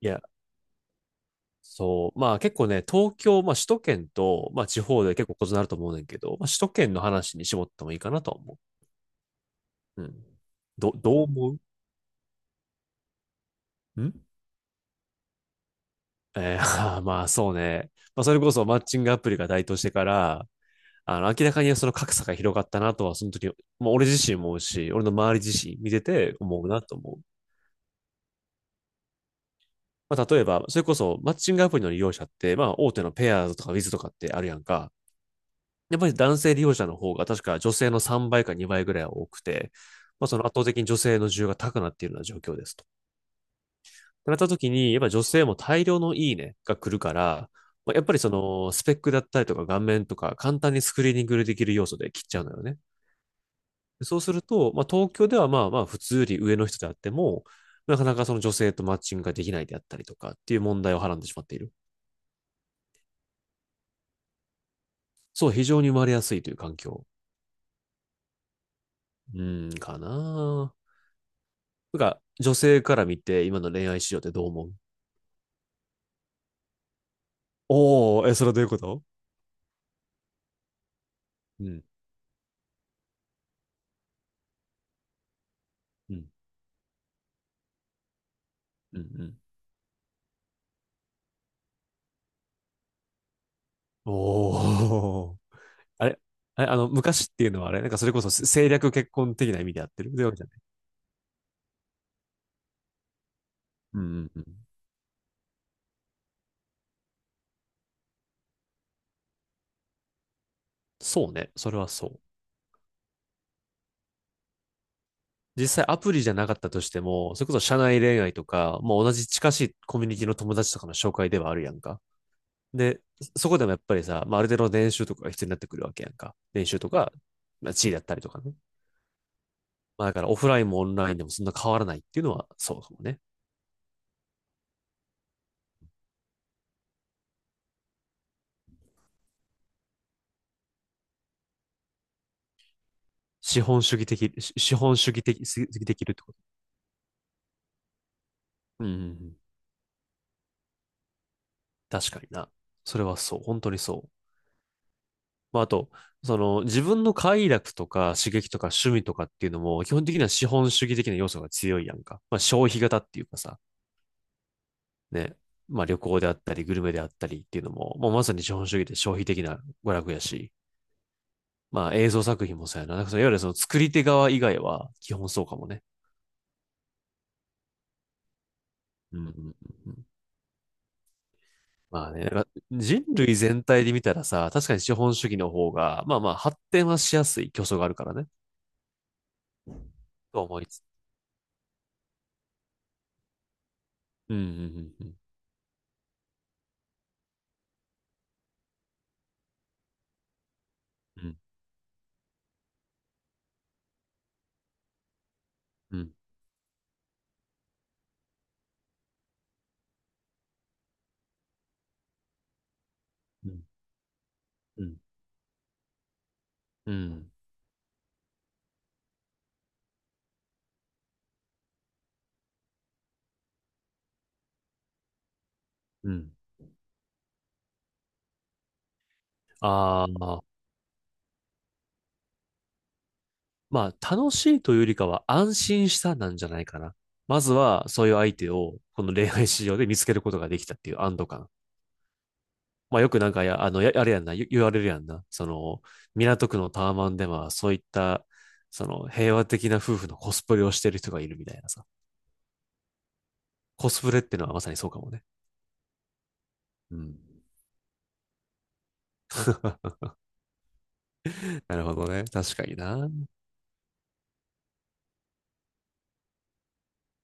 いや、そう。まあ結構ね、東京、まあ首都圏と、まあ地方で結構異なると思うねんけど、まあ首都圏の話に絞ってもいいかなとは思う。うん。どう思うんまあそうね。まあそれこそマッチングアプリが台頭してから、明らかにその格差が広がったなとは、その時、まあ俺自身も思うし、俺の周り自身見てて思うなと思う。まあ例えば、それこそマッチングアプリの利用者って、まあ大手のペアーズとかウィズとかってあるやんか。やっぱり男性利用者の方が確か女性の3倍か2倍ぐらいは多くて、まあ、その圧倒的に女性の需要が高くなっているような状況ですと。ってなった時に、やっぱり女性も大量のいいねが来るから、まあ、やっぱりそのスペックだったりとか顔面とか簡単にスクリーニングできる要素で切っちゃうのよね。そうすると、まあ、東京ではまあまあ普通より上の人であっても、なかなかその女性とマッチングができないであったりとかっていう問題をはらんでしまっている。そう、非常に生まれやすいという環境。うん、かななんか、女性から見て、今の恋愛市場ってどう思うおー、え、それはどういうことうん、うん、うん、うん。おー。あれ、あれ昔っていうのはあれ、なんかそれこそ政略結婚的な意味でやってる。そういうわけじゃない。うんうんうん。そうね。それはそう。実際アプリじゃなかったとしても、それこそ社内恋愛とか、もう同じ近しいコミュニティの友達とかの紹介ではあるやんか。で、そこでもやっぱりさ、まあ、ある程度の練習とかが必要になってくるわけやんか。練習とか、まあ、地位だったりとかね。まあだからオフラインもオンラインでもそんな変わらないっていうのはそうかもね。資本主義的、資本主義的すぎできるってこと。うんうんうん。確かにな。それはそう。本当にそう。まああと、その自分の快楽とか刺激とか趣味とかっていうのも基本的には資本主義的な要素が強いやんか。まあ消費型っていうかさ、ね。まあ旅行であったりグルメであったりっていうのも、もうまさに資本主義で消費的な娯楽やし、まあ映像作品もそうやな。なんかそのいわゆるその作り手側以外は基本そうかもね。うんうんうんうんまあね、なんか人類全体で見たらさ、確かに資本主義の方が、まあまあ発展はしやすい競争があるからね、と思いつつ。うん、うん、うん、うん、うん、うん、うん、うん。ああ、まあ楽しいというよりかは安心したなんじゃないかな。まずはそういう相手をこの恋愛市場で見つけることができたっていう安堵感。まあよくなんかあれやんな、言われるやんな。その、港区のタワマンではそういった、その平和的な夫婦のコスプレをしてる人がいるみたいなさ。コスプレってのはまさにそうかもね。うん。なるほどね。確かにな。う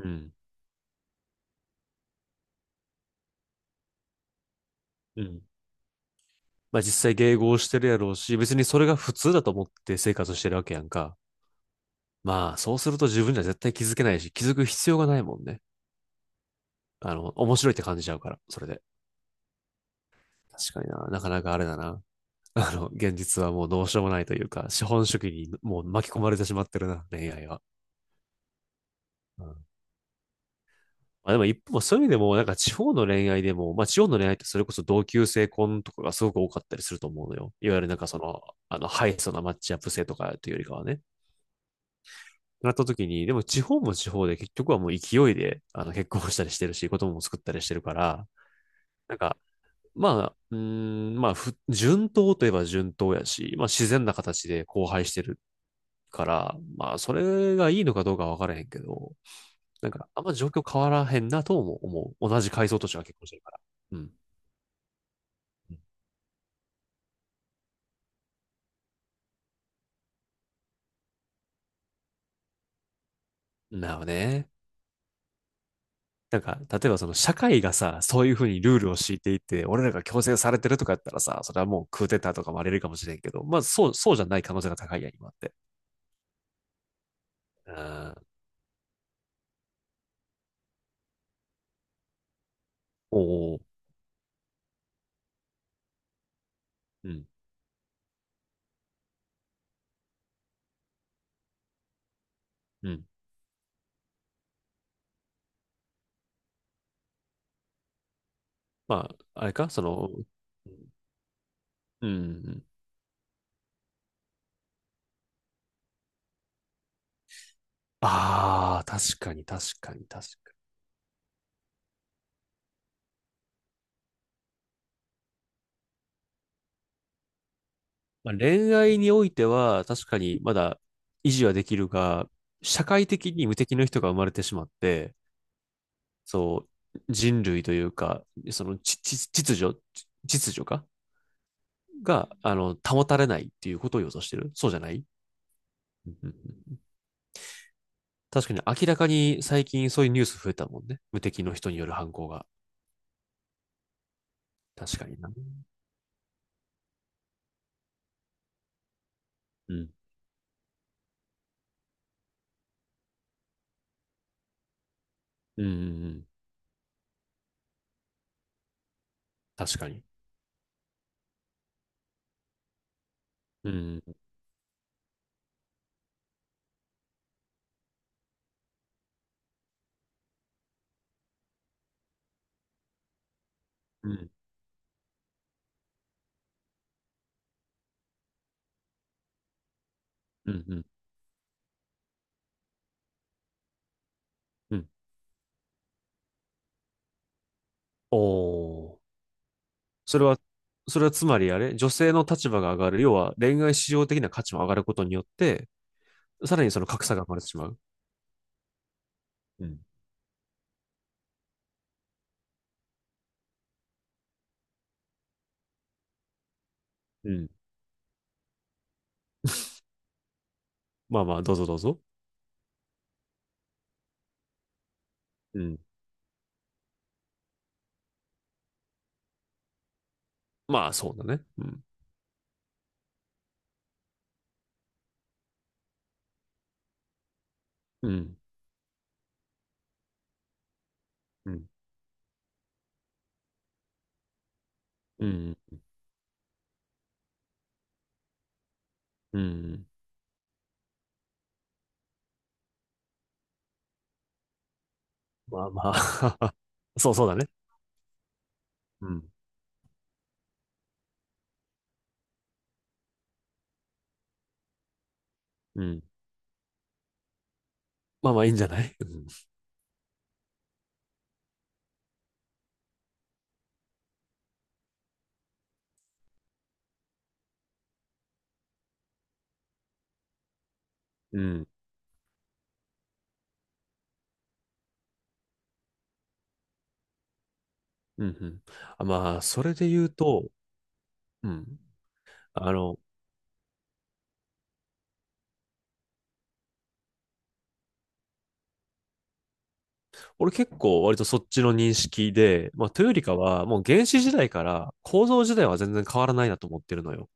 ん。うん。まあ実際迎合してるやろうし、別にそれが普通だと思って生活してるわけやんか。まあそうすると自分じゃ絶対気づけないし、気づく必要がないもんね。面白いって感じちゃうから、それで。確かにな。なかなかあれだな。現実はもうどうしようもないというか、資本主義にもう巻き込まれてしまってるな、恋愛は。うんまあでも一方、そういう意味でも、なんか地方の恋愛でも、まあ地方の恋愛ってそれこそ同級生婚とかがすごく多かったりすると思うのよ。いわゆるなんかその、ハイソなマッチアップ性とかというよりかはね。なった時に、でも地方も地方で結局はもう勢いで、結婚したりしてるし、子供も作ったりしてるから、なんか、まあ、まあ、順当といえば順当やし、まあ自然な形で交配してるから、まあそれがいいのかどうかわからへんけど、なんかあんま状況変わらへんなとも思う。同じ階層としては結婚してるから。うん。なるほどね。なんか、例えばその社会がさ、そういうふうにルールを敷いていて、俺らが強制されてるとかやったらさ、それはもうクーデターとかもあれるかもしれんけど、まあそう、そうじゃない可能性が高いやん、今って。うん。おお。うん。うん。まあ、あれかその、うん。ああ確かに、確かに、確かに。まあ、恋愛においては、確かにまだ維持はできるが、社会的に無敵の人が生まれてしまって、そう、人類というか、その秩序、秩序かが、保たれないっていうことを予想してるそうじゃない 確かに明らかに最近そういうニュース増えたもんね。無敵の人による犯行が。確かにな。うん。うんうんうん。確かに。うん。うん。うん。うん。うんおー。それは、それはつまりあれ女性の立場が上がる。要は恋愛市場的な価値も上がることによって、さらにその格差が生まれてしまう。うん。うん。まあまあ、どうぞどうぞ。うん。まあ、そうだね。うん。うん。うん。うん。うん。まあまあ そうそうだね。うん。うん。まあまあ、いいんじゃないうん。うん。うん。うんあまあ、それで言うと、うん。あの、俺結構割とそっちの認識で、まあ、というよりかは、もう原始時代から構造自体は全然変わらないなと思ってるのよ。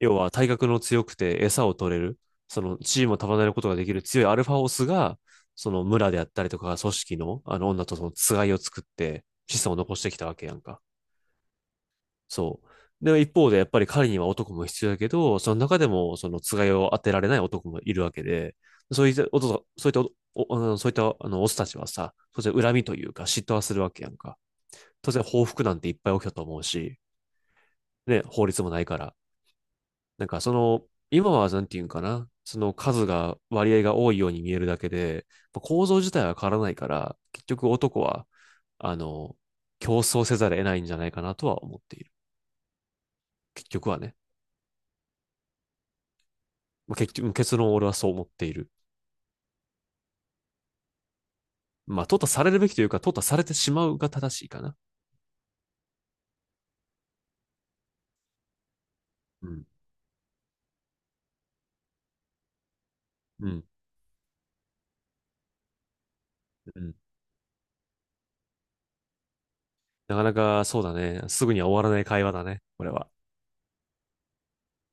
要は体格の強くて餌を取れる、その地位も束ねることができる強いアルファオスが、その村であったりとか組織のあの女とそのつがいを作って子孫を残してきたわけやんか。そう。で、一方でやっぱり狩りには男も必要だけど、その中でもそのつがいを当てられない男もいるわけで、そういったおと、そういったお、そういったオスたちはさ、当然恨みというか嫉妬はするわけやんか。当然報復なんていっぱい起きたと思うし、ね、法律もないから。なんかその、今はなんていうんかな、その数が、割合が多いように見えるだけで、まあ構造自体は変わらないから、結局男は、あの、競争せざるを得ないんじゃないかなとは思っている。結局はね。まあ、結局、結論俺はそう思っている。まあ、淘汰されるべきというか、淘汰されてしまうが正しいかな。うん。うん。うん。なかなかそうだね。すぐには終わらない会話だね。これは。